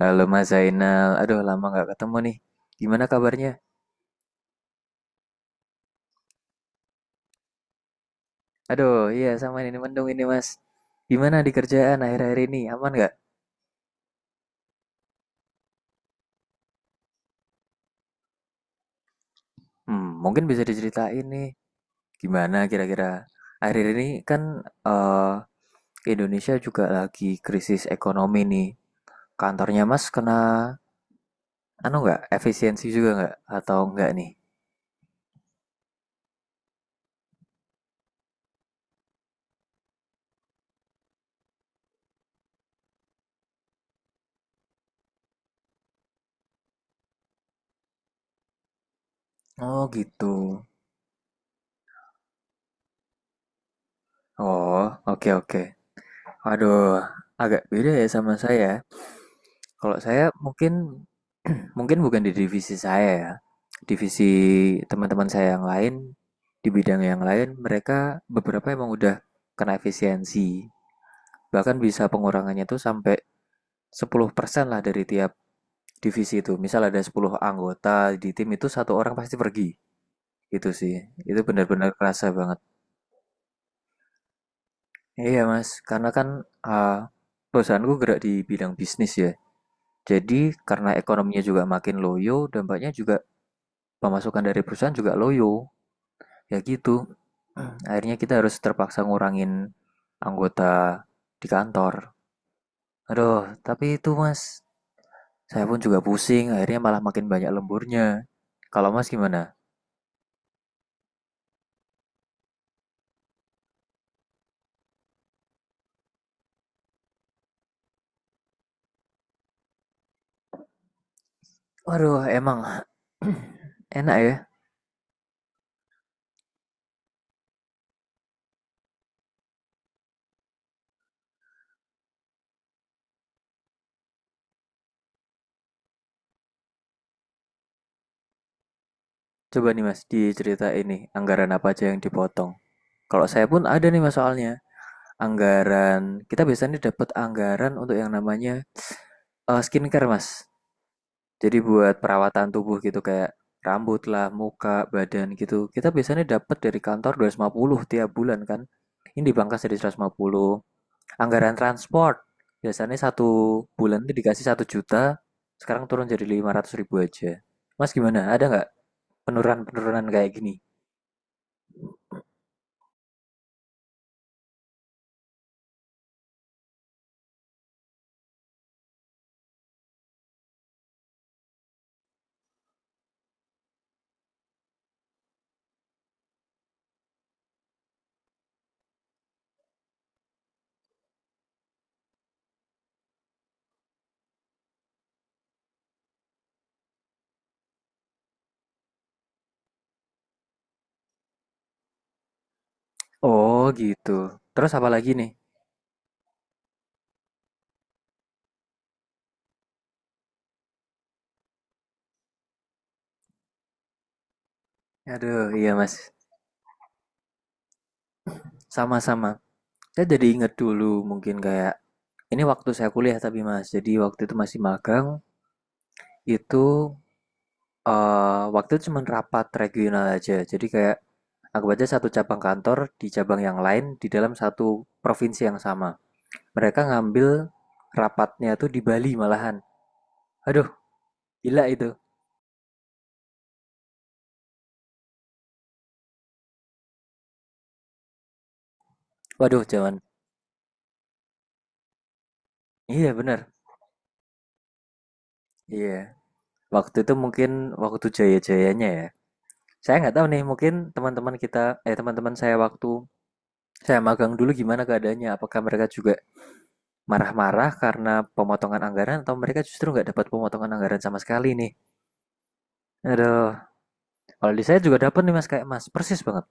Halo Mas Zainal, aduh lama nggak ketemu nih. Gimana kabarnya? Aduh, iya sama ini mendung ini Mas. Gimana di kerjaan akhir-akhir ini? Aman nggak? Hmm, mungkin bisa diceritain nih. Gimana kira-kira? Akhir ini kan eh Indonesia juga lagi krisis ekonomi nih. Kantornya Mas kena anu nggak? Efisiensi juga nggak? Atau nggak nih? Oh gitu. Oh, oke oke. Aduh, agak beda ya sama saya. Kalau saya mungkin mungkin bukan di divisi saya ya. Divisi teman-teman saya yang lain di bidang yang lain mereka beberapa emang udah kena efisiensi. Bahkan bisa pengurangannya tuh sampai 10% lah dari tiap divisi itu. Misal ada 10 anggota di tim itu satu orang pasti pergi. Itu sih. Itu benar-benar kerasa banget. Iya Mas, karena kan eh, perusahaanku gerak di bidang bisnis ya. Jadi karena ekonominya juga makin loyo, dampaknya juga pemasukan dari perusahaan juga loyo, ya gitu. Hmm. Akhirnya kita harus terpaksa ngurangin anggota di kantor. Aduh, tapi itu mas, saya pun juga pusing, akhirnya malah makin banyak lemburnya. Kalau mas gimana? Waduh, emang enak ya. Coba nih mas, di cerita ini anggaran apa aja yang dipotong. Kalau saya pun ada nih mas, soalnya anggaran kita biasanya dapat anggaran untuk yang namanya skincare mas. Jadi buat perawatan tubuh gitu kayak rambut lah, muka, badan gitu. Kita biasanya dapat dari kantor 250 tiap bulan kan. Ini dipangkas jadi 150. Anggaran transport biasanya satu bulan itu dikasih 1 juta, sekarang turun jadi 500 ribu aja. Mas gimana? Ada nggak penurunan-penurunan kayak gini? Oh gitu. Terus apa lagi nih? Aduh, iya mas. Sama-sama. Saya jadi inget dulu mungkin kayak ini waktu saya kuliah tapi mas. Jadi waktu itu masih magang, itu waktu itu cuman rapat regional aja. Jadi kayak anggap aja satu cabang kantor di cabang yang lain di dalam satu provinsi yang sama. Mereka ngambil rapatnya tuh di Bali malahan. Aduh, gila itu. Waduh, jangan. Iya bener. Iya. Waktu itu mungkin waktu jaya-jayanya ya. Saya nggak tahu nih, mungkin teman-teman kita, teman-teman saya waktu saya magang dulu gimana keadaannya. Apakah mereka juga marah-marah karena pemotongan anggaran atau mereka justru nggak dapat pemotongan anggaran sama sekali nih? Aduh, kalau di saya juga dapat nih mas, kayak mas, persis banget.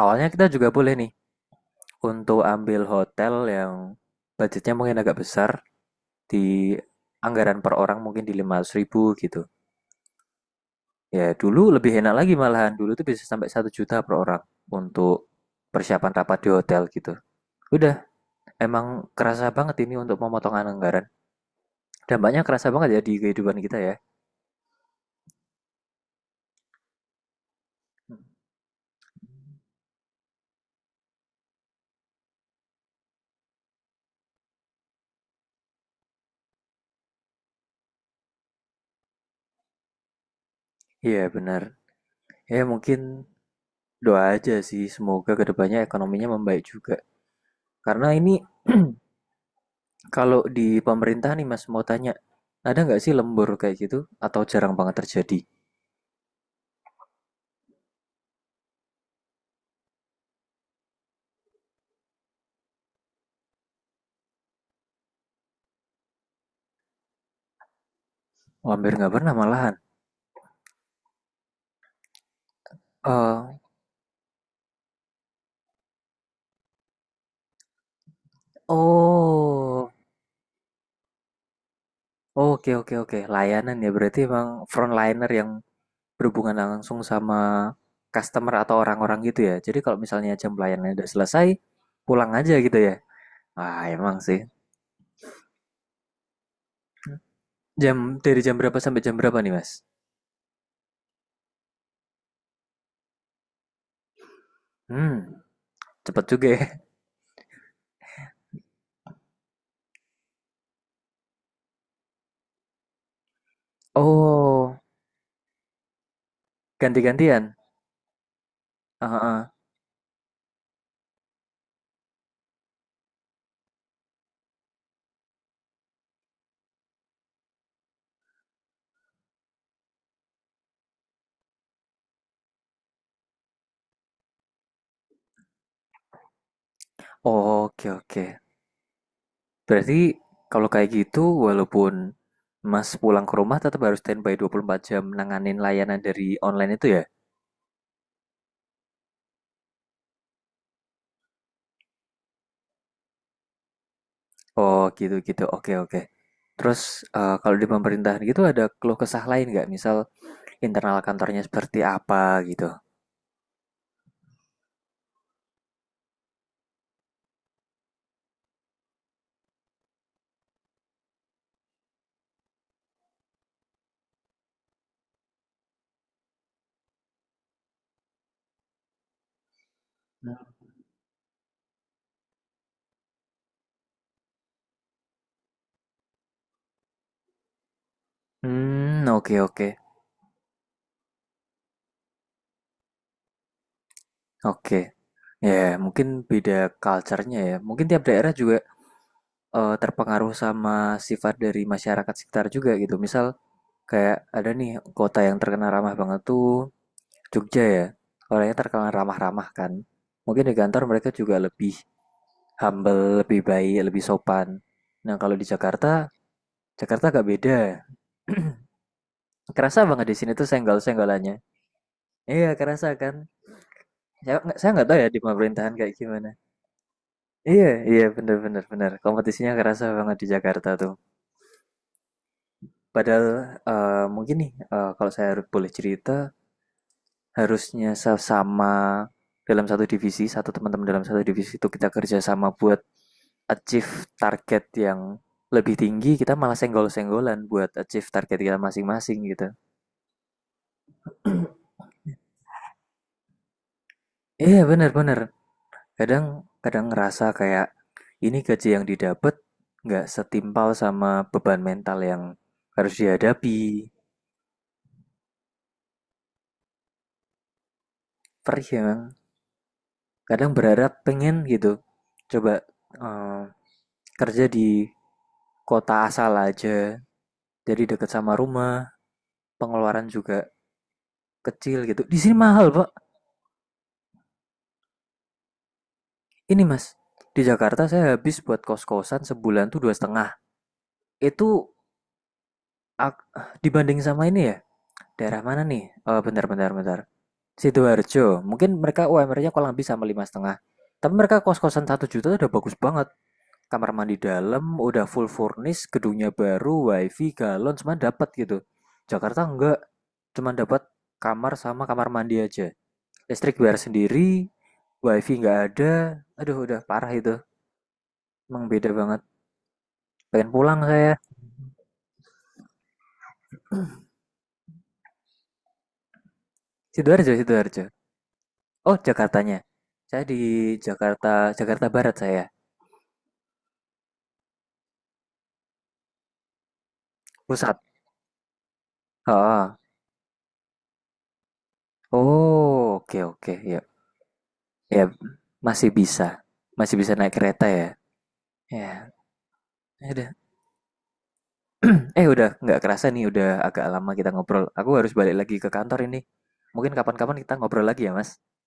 Awalnya kita juga boleh nih untuk ambil hotel yang budgetnya mungkin agak besar di anggaran per orang mungkin di 500 ribu gitu. Ya dulu lebih enak lagi malahan, dulu tuh bisa sampai 1 juta per orang untuk persiapan rapat di hotel gitu. Udah, emang kerasa banget ini untuk pemotongan anggaran. Dampaknya kerasa banget ya di kehidupan kita ya. Iya benar. Ya mungkin doa aja sih, semoga kedepannya ekonominya membaik juga. Karena ini Kalau di pemerintah nih Mas mau tanya, ada nggak sih lembur kayak gitu? Atau jarang banget terjadi? Oh, hampir nggak pernah malahan. Eh, oh, oke oke oke. Layanan ya berarti emang frontliner yang berhubungan langsung sama customer atau orang-orang gitu ya. Jadi kalau misalnya jam pelayanannya udah selesai, pulang aja gitu ya. Ah, emang sih. Jam dari jam berapa sampai jam berapa nih Mas? Hmm, cepet juga ya. Oh, ganti-gantian. Ah, ah. Oh, oke oke. Berarti kalau kayak gitu, walaupun Mas pulang ke rumah tetap harus standby 24 jam nanganin layanan dari online itu ya? Oh gitu-gitu, oke oke. Terus kalau di pemerintahan gitu ada keluh kesah lain nggak? Misal internal kantornya seperti apa gitu? Hmm, oke oke oke. Ya, mungkin beda culture-nya ya. Mungkin tiap daerah juga terpengaruh sama sifat dari masyarakat sekitar juga gitu. Misal kayak ada nih kota yang terkenal ramah banget tuh Jogja ya. Orangnya terkenal ramah-ramah kan. Mungkin di kantor mereka juga lebih humble, lebih baik, lebih sopan. Nah, kalau di Jakarta, Jakarta agak beda. Kerasa banget di sini tuh senggol-senggolannya. Iya, kerasa kan. Saya nggak tahu ya di pemerintahan kayak gimana. Iya, iya bener-bener bener. Kompetisinya kerasa banget di Jakarta tuh. Padahal mungkin nih kalau saya boleh cerita harusnya sama dalam satu divisi, satu teman-teman dalam satu divisi itu kita kerjasama buat achieve target yang lebih tinggi, kita malah senggol-senggolan buat achieve target kita masing-masing gitu. Iya yeah, bener-bener, kadang kadang ngerasa kayak ini gaji yang didapat nggak setimpal sama beban mental yang harus dihadapi. Perih ya, kadang berharap pengen gitu, coba eh, kerja di kota asal aja, jadi deket sama rumah, pengeluaran juga kecil gitu. Di sini mahal, Pak. Ini, Mas. Di Jakarta saya habis buat kos-kosan sebulan tuh dua setengah. Itu dibanding sama ini ya. Daerah mana nih? Oh, bentar, bentar, bentar. Sidoarjo. Mungkin mereka UMR-nya kurang lebih sama lima setengah. Tapi mereka kos-kosan 1 juta udah bagus banget. Kamar mandi dalam, udah full furnish, gedungnya baru, wifi, galon, cuma dapat gitu. Jakarta enggak, cuma dapat kamar sama kamar mandi aja. Listrik bayar sendiri, wifi nggak ada, aduh udah parah itu, emang beda banget. Pengen pulang saya. Sidoarjo, Sidoarjo. Oh, Jakartanya. Saya di Jakarta, Jakarta Barat saya, pusat. Oh, oh, oke oke, ya, ya masih bisa, masih bisa naik kereta ya. Ya, ya udah. Eh udah nggak kerasa nih, udah agak lama kita ngobrol. Aku harus balik lagi ke kantor ini. Mungkin kapan-kapan kita ngobrol lagi ya, Mas.